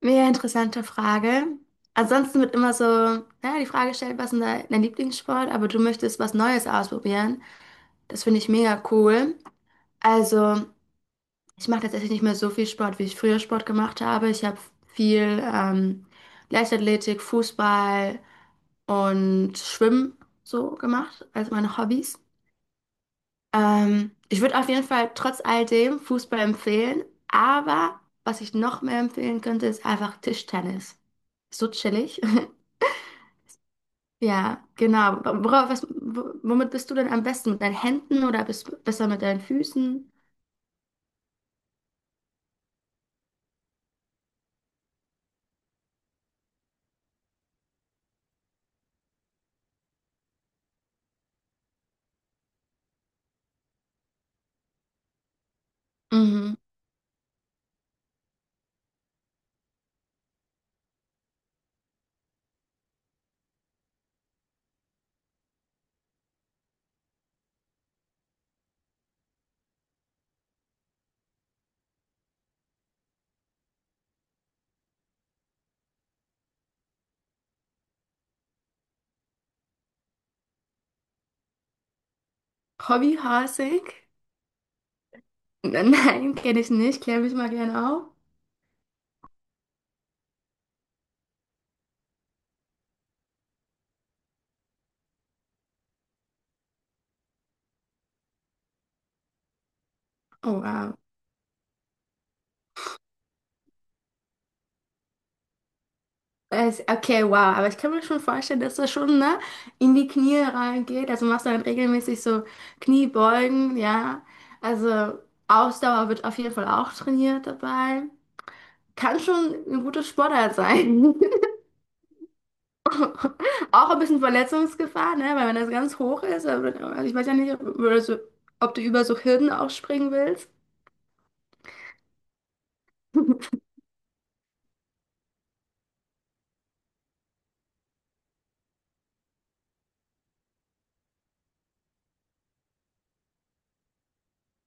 Mega interessante Frage. Ansonsten wird immer so, ja, die Frage gestellt, was ist dein Lieblingssport, aber du möchtest was Neues ausprobieren. Das finde ich mega cool. Also, ich mache tatsächlich nicht mehr so viel Sport, wie ich früher Sport gemacht habe. Ich habe viel Leichtathletik, Fußball und Schwimmen so gemacht, als meine Hobbys. Ich würde auf jeden Fall trotz all dem Fußball empfehlen, aber was ich noch mehr empfehlen könnte, ist einfach Tischtennis. So chillig. Ja, genau. Worauf, was, womit bist du denn am besten? Mit deinen Händen oder bist du besser mit deinen Füßen? Mhm. Hobbyhorsing? Nein, kenne ich nicht. Klär mich mal gerne auf. Oh, wow. Okay, wow. Aber ich kann mir schon vorstellen, dass das schon, ne, in die Knie reingeht. Also machst du dann regelmäßig so Kniebeugen, ja. Also Ausdauer wird auf jeden Fall auch trainiert dabei. Kann schon ein guter Sportart sein. Auch ein bisschen Verletzungsgefahr, ne? Weil wenn das ganz hoch ist, also ich weiß ja nicht, ob, oder so, ob du über so Hürden auch springen willst.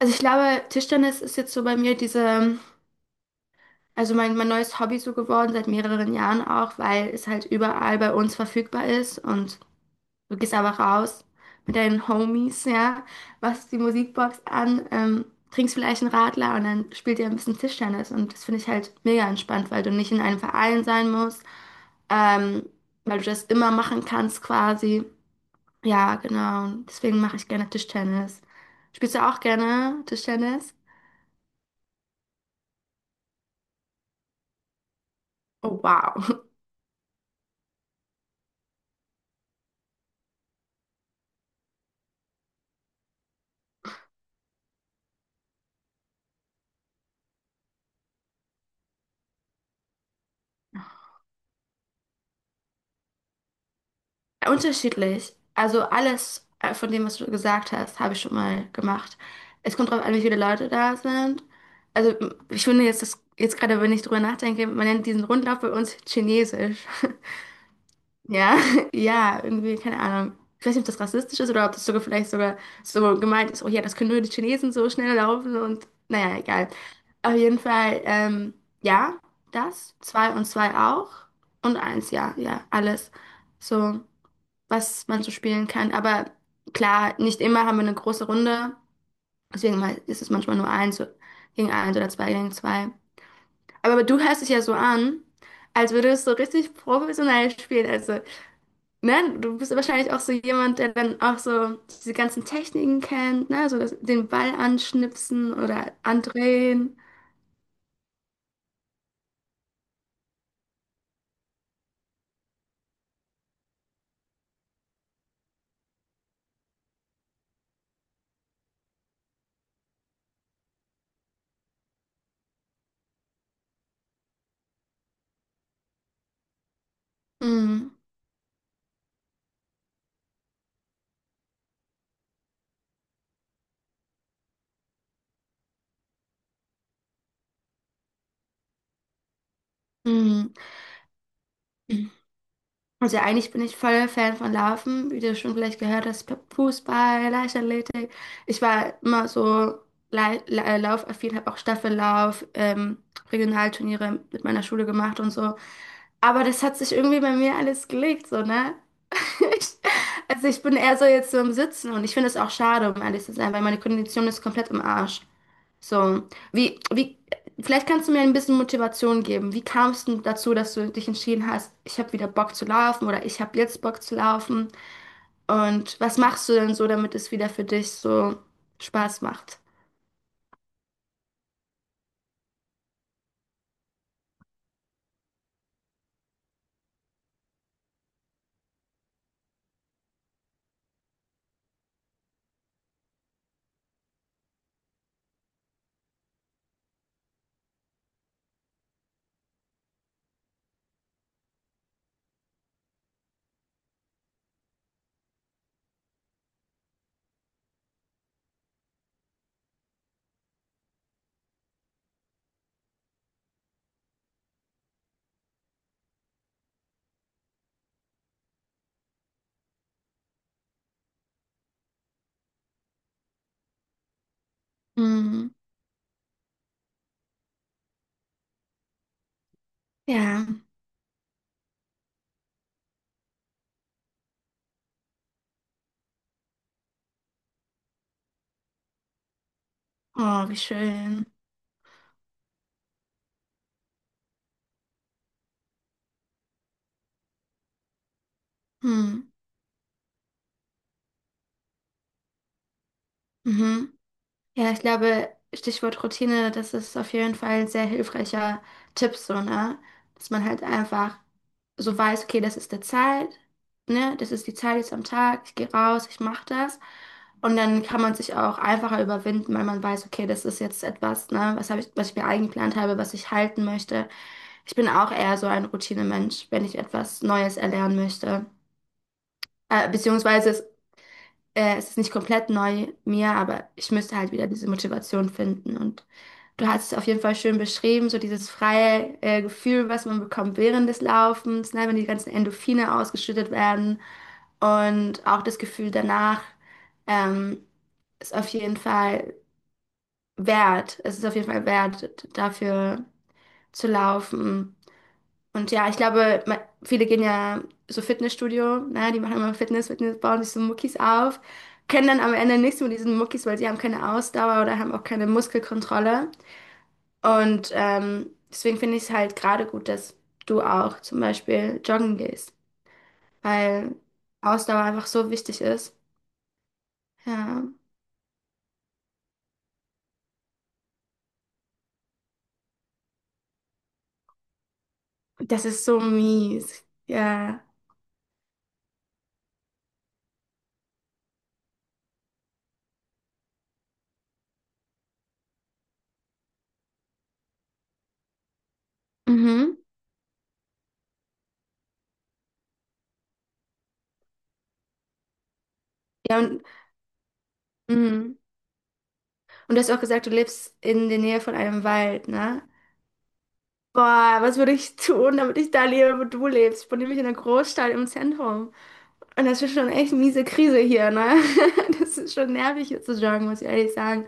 Also ich glaube, Tischtennis ist jetzt so bei mir diese, also mein neues Hobby so geworden, seit mehreren Jahren auch, weil es halt überall bei uns verfügbar ist und du gehst einfach raus mit deinen Homies, ja, machst die Musikbox an, trinkst vielleicht einen Radler und dann spielt ihr ein bisschen Tischtennis und das finde ich halt mega entspannt, weil du nicht in einem Verein sein musst. ähm, Weil du das immer machen kannst quasi. Ja, genau. Und deswegen mache ich gerne Tischtennis. Spielst du auch gerne Tischtennis? Oh, wow. Unterschiedlich. Also alles von dem, was du gesagt hast, habe ich schon mal gemacht. Es kommt darauf an, wie viele Leute da sind. Also ich finde jetzt, das, jetzt gerade, wenn ich drüber nachdenke, man nennt diesen Rundlauf bei uns Chinesisch. Ja, ja, irgendwie, keine Ahnung. Ich weiß nicht, ob das rassistisch ist oder ob das sogar vielleicht sogar so gemeint ist, oh ja, das können nur die Chinesen so schnell laufen und naja, egal. Auf jeden Fall, ja, das, zwei und zwei auch und eins, ja, ja, alles. So, was man so spielen kann. Aber klar, nicht immer haben wir eine große Runde, deswegen ist es manchmal nur eins gegen eins oder zwei gegen zwei. Aber du hörst dich ja so an, als würdest du so richtig professionell spielen. Also ne, du bist ja wahrscheinlich auch so jemand, der dann auch so diese ganzen Techniken kennt, ne, so das, den Ball anschnipsen oder andrehen. Mhm. Mhm. Also eigentlich bin ich voll Fan von Laufen, wie du schon vielleicht gehört hast, Fußball, Leichtathletik. Ich war immer so laufaffin, habe auch Staffellauf, Regionalturniere mit meiner Schule gemacht und so. Aber das hat sich irgendwie bei mir alles gelegt, so, ne? Ich, also ich bin eher so jetzt so im Sitzen und ich finde es auch schade, um ehrlich zu sein, weil meine Kondition ist komplett im Arsch. So, wie, wie, vielleicht kannst du mir ein bisschen Motivation geben. Wie kamst du dazu, dass du dich entschieden hast, ich habe wieder Bock zu laufen oder ich habe jetzt Bock zu laufen? Und was machst du denn so, damit es wieder für dich so Spaß macht? Mhm. Ja. Oh, wie schön. Hm. Mhm. Ja, ich glaube, Stichwort Routine, das ist auf jeden Fall ein sehr hilfreicher Tipp, so, ne? Dass man halt einfach so weiß, okay, das ist der Zeit, ne? Das ist die Zeit jetzt am Tag, ich gehe raus, ich mache das. Und dann kann man sich auch einfacher überwinden, weil man weiß, okay, das ist jetzt etwas, ne? Was habe ich, was ich mir eingeplant habe, was ich halten möchte. Ich bin auch eher so ein Routinemensch, wenn ich etwas Neues erlernen möchte. Beziehungsweise es ist nicht komplett neu mir, aber ich müsste halt wieder diese Motivation finden. Und du hast es auf jeden Fall schön beschrieben, so dieses freie Gefühl, was man bekommt während des Laufens, ne, wenn die ganzen Endorphine ausgeschüttet werden und auch das Gefühl danach ähm, ist auf jeden Fall wert. Es ist auf jeden Fall wert, dafür zu laufen. Und ja, ich glaube, viele gehen ja so Fitnessstudio, ne? Die machen immer Fitness, Fitness, bauen sich so Muckis auf, können dann am Ende nichts mit diesen Muckis, weil sie haben keine Ausdauer oder haben auch keine Muskelkontrolle. Und deswegen finde ich es halt gerade gut, dass du auch zum Beispiel joggen gehst, weil Ausdauer einfach so wichtig ist. Ja, das ist so mies. Ja. Mhm. Ja, und, mhm. Und du hast auch gesagt, du lebst in der Nähe von einem Wald, ne? Boah, was würde ich tun, damit ich da lebe, wo du lebst? Ich bin nämlich in einer Großstadt im Zentrum. Und das ist schon echt miese Krise hier, ne? Das ist schon nervig hier zu joggen, muss ich ehrlich sagen.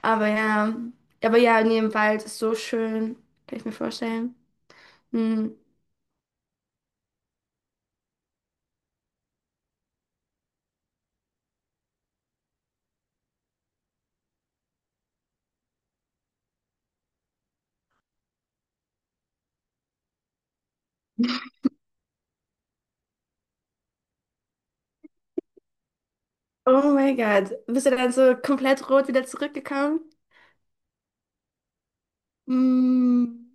Aber ja, aber ja, in jedem Wald ist so schön. Kann ich mir vorstellen. Hm. Oh mein Gott. Bist du dann so komplett rot wieder zurückgekommen? Hm.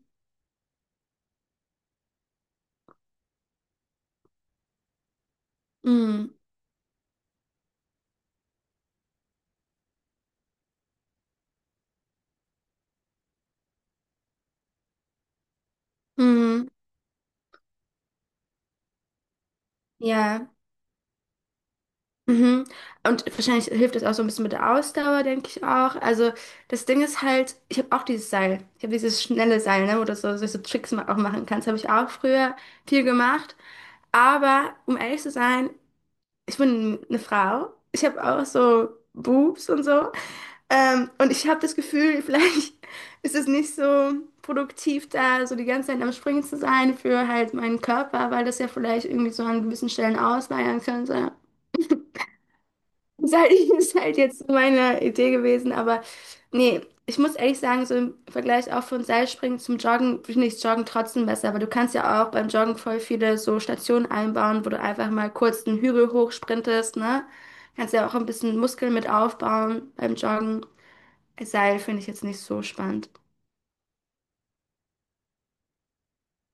Hm. Hm. Ja. Mhm. Und wahrscheinlich hilft das auch so ein bisschen mit der Ausdauer, denke ich auch. Also das Ding ist halt, ich habe auch dieses Seil. Ich habe dieses schnelle Seil, ne, wo du so Tricks auch machen kannst. Habe ich auch früher viel gemacht. Aber um ehrlich zu sein, ich bin eine Frau. Ich habe auch so Boobs und so. Und ich habe das Gefühl, vielleicht ist es nicht so produktiv, da so die ganze Zeit am Springen zu sein für halt meinen Körper, weil das ja vielleicht irgendwie so an gewissen Stellen ausleiern könnte. Ist halt, ist halt jetzt meine Idee gewesen, aber nee, ich muss ehrlich sagen, so im Vergleich auch von Seilspringen zum Joggen finde ich Joggen trotzdem besser, aber du kannst ja auch beim Joggen voll viele so Stationen einbauen, wo du einfach mal kurz einen Hügel hochsprintest, ne? Kannst ja auch ein bisschen Muskeln mit aufbauen beim Joggen. Seil finde ich jetzt nicht so spannend.